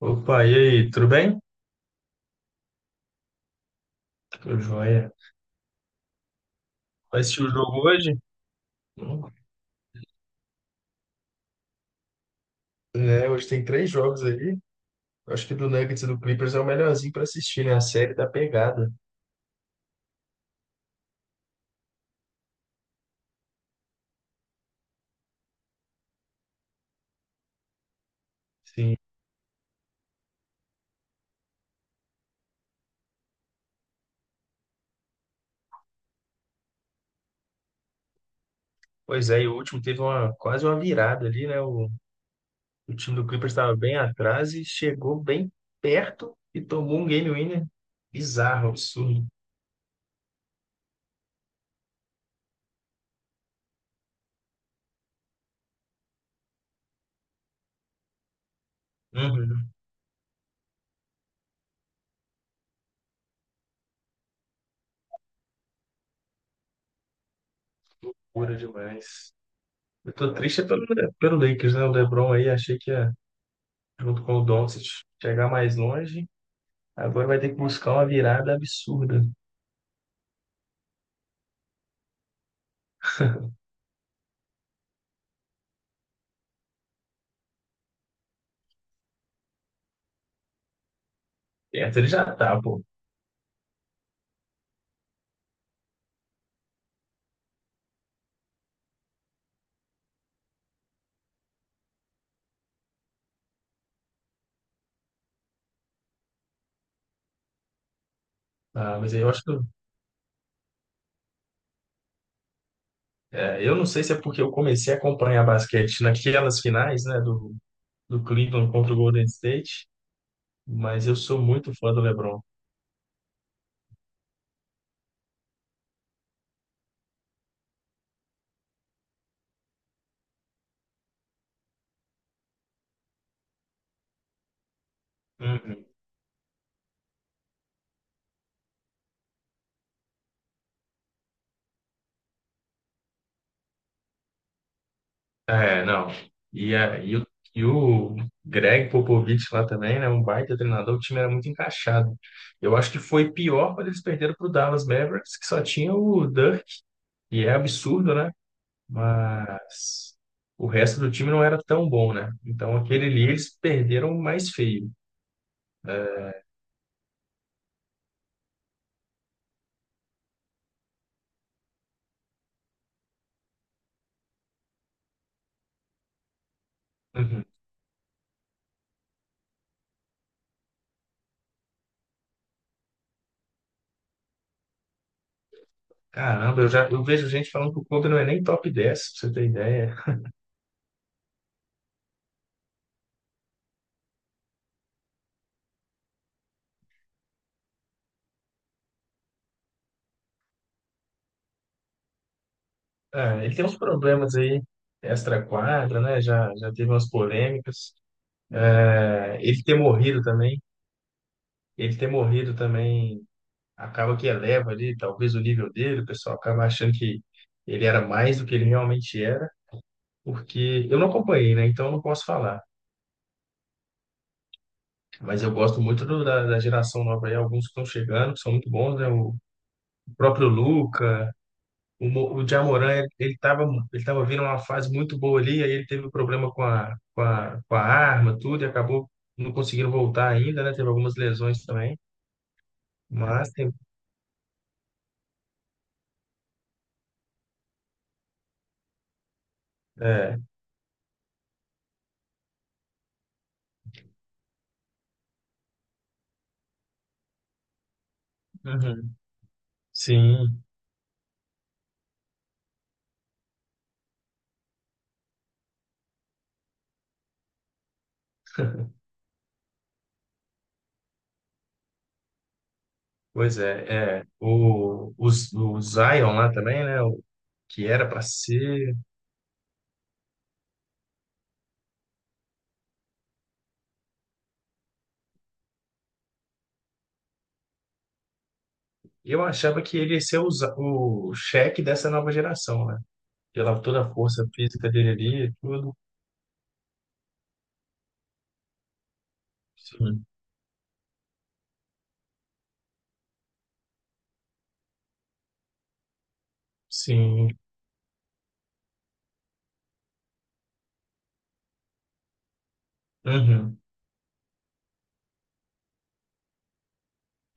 Opa, e aí, tudo bem? Tudo jóia. Vai assistir o jogo hoje? Hum. É, hoje tem três jogos aí. Acho que do Nuggets e do Clippers é o melhorzinho para assistir, né? A série da pegada. Sim. Pois é, e o último teve uma, quase uma virada ali, né? O time do Clippers estava bem atrás e chegou bem perto e tomou um game winner bizarro, absurdo. Uhum. Loucura demais. Eu tô triste é pelo Lakers, né? O LeBron aí, achei que ia, junto com o Doncic, chegar mais longe. Agora vai ter que buscar uma virada absurda. Perto ele já tá, pô. Ah, mas aí eu acho que. Eu não sei se é porque eu comecei a acompanhar basquete naquelas finais, né, do Cleveland contra o Golden State, mas eu sou muito fã do LeBron. Uhum. É, não. E, a- e, o, e o Greg Popovich lá também, né? Um baita treinador, o time era muito encaixado. Eu acho que foi pior quando eles perderam para o Dallas Mavericks, que só tinha o Dirk, e é absurdo, né? Mas o resto do time não era tão bom, né? Então aquele ali eles perderam mais feio. Uhum. Caramba, eu já eu vejo gente falando que o Kobe não é nem top 10, pra você ter ideia. Ah, ele tem uns problemas aí, extra-quadra, né? Já, já teve umas polêmicas. É, ele ter morrido também, ele ter morrido também acaba que eleva ali, talvez o nível dele, o pessoal acaba achando que ele era mais do que ele realmente era, porque eu não acompanhei, né? Então eu não posso falar. Mas eu gosto muito da geração nova aí, alguns que estão chegando, que são muito bons, né? O próprio Luca, o Jamoran, ele tava, ele tava vindo uma fase muito boa ali, aí ele teve um problema com a arma, tudo, e acabou não conseguindo voltar ainda, né? Teve algumas lesões também. Mas tem. É, uhum. Sim, pois é. É. O Zion lá também, né? O, que era para ser. Eu achava que ele ia ser o cheque dessa nova geração, né? Pela toda a força física dele ali, e tudo. Sim, sim. Uhum.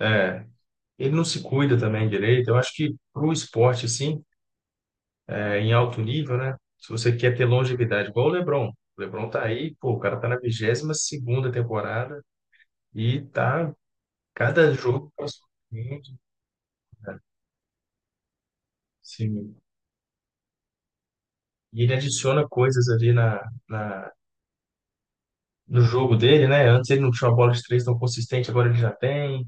É. Ele não se cuida também direito. Eu acho que pro esporte, assim, é, em alto nível, né? Se você quer ter longevidade, igual o LeBron. O LeBron tá aí, pô, o cara tá na vigésima segunda temporada e tá cada jogo passando. Sim. E ele adiciona coisas ali na, no jogo dele, né? Antes ele não tinha uma bola de três tão consistente, agora ele já tem.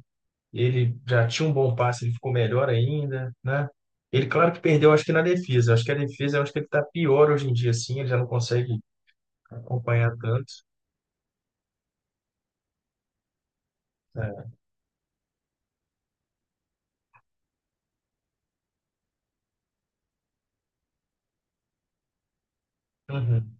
Ele já tinha um bom passe, ele ficou melhor ainda, né? Ele, claro que perdeu, acho que na defesa. Acho que a defesa, eu acho que ele tá pior hoje em dia, assim, ele já não consegue acompanhar tanto. Né? Uhum.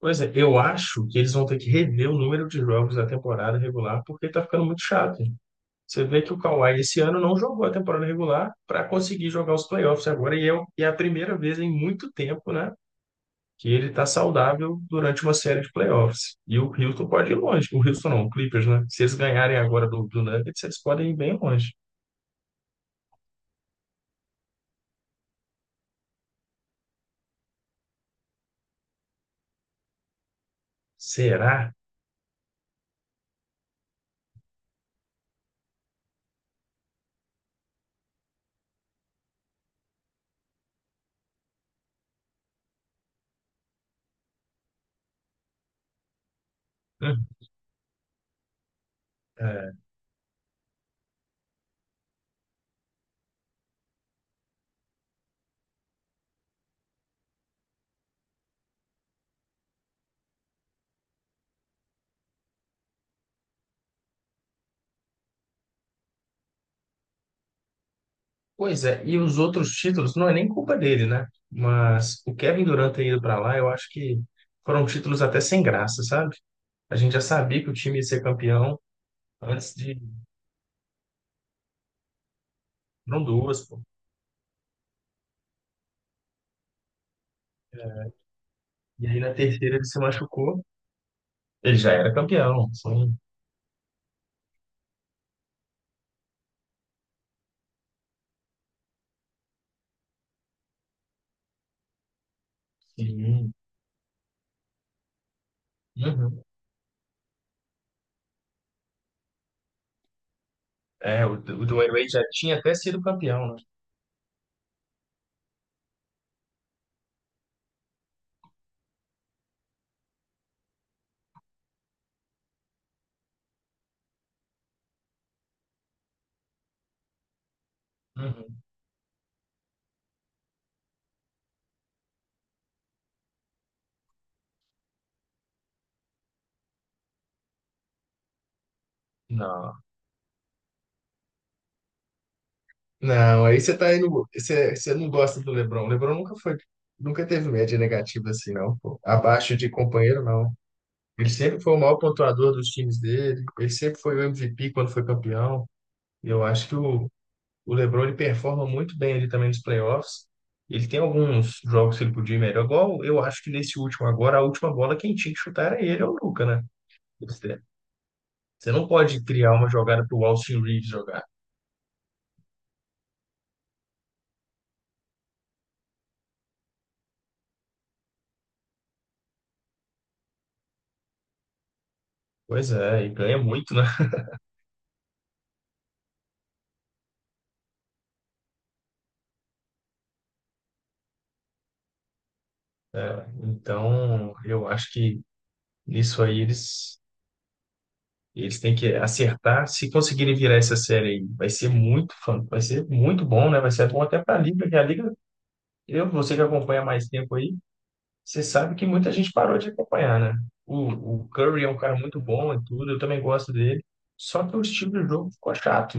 Pois é, eu acho que eles vão ter que rever o número de jogos da temporada regular, porque tá ficando muito chato. Você vê que o Kawhi esse ano não jogou a temporada regular para conseguir jogar os playoffs agora, e é, e é a primeira vez em muito tempo, né? Que ele está saudável durante uma série de playoffs. E o Houston pode ir longe. O Houston não, o Clippers, né? Se eles ganharem agora do Nuggets, eles podem ir bem longe. Será? Hum. É. Pois é, e os outros títulos não é nem culpa dele, né? Mas o Kevin Durant ter ido para lá, eu acho que foram títulos até sem graça, sabe? A gente já sabia que o time ia ser campeão antes de. Não duas, pô. É, e aí na terceira ele se machucou. Ele já era campeão. Sim. Sim. Uhum. É, o Dwayne Wade já tinha até sido campeão, né? Uhum. Não. Não, aí você tá indo. Você não gosta do LeBron. O LeBron nunca foi. Nunca teve média negativa assim, não, pô. Abaixo de companheiro, não. Ele sempre foi o maior pontuador dos times dele. Ele sempre foi o MVP quando foi campeão. E eu acho que o LeBron ele performa muito bem ali também nos playoffs. Ele tem alguns jogos que ele podia ir melhor. Igual eu acho que nesse último agora, a última bola quem tinha que chutar era ele, é o Luka, né? Você não pode criar uma jogada para o Austin Reeves jogar. Pois é, e ganha muito, né? É, então, eu acho que nisso aí eles têm que acertar. Se conseguirem virar essa série aí, vai ser muito fã, vai ser muito bom, né? Vai ser bom até para a Liga, que a Liga, eu, você que acompanha há mais tempo aí, você sabe que muita gente parou de acompanhar, né? O Curry é um cara muito bom e tudo, eu também gosto dele. Só que o estilo de jogo ficou chato.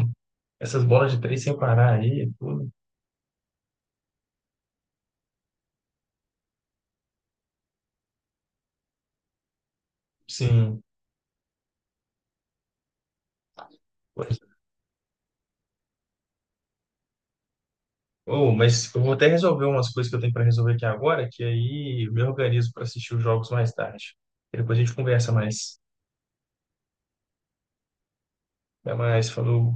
Essas bolas de três sem parar aí, tudo. Sim. Oh, mas eu vou até resolver umas coisas que eu tenho para resolver aqui agora, que aí eu me organizo para assistir os jogos mais tarde. E depois a gente conversa mais. Até mais, falou.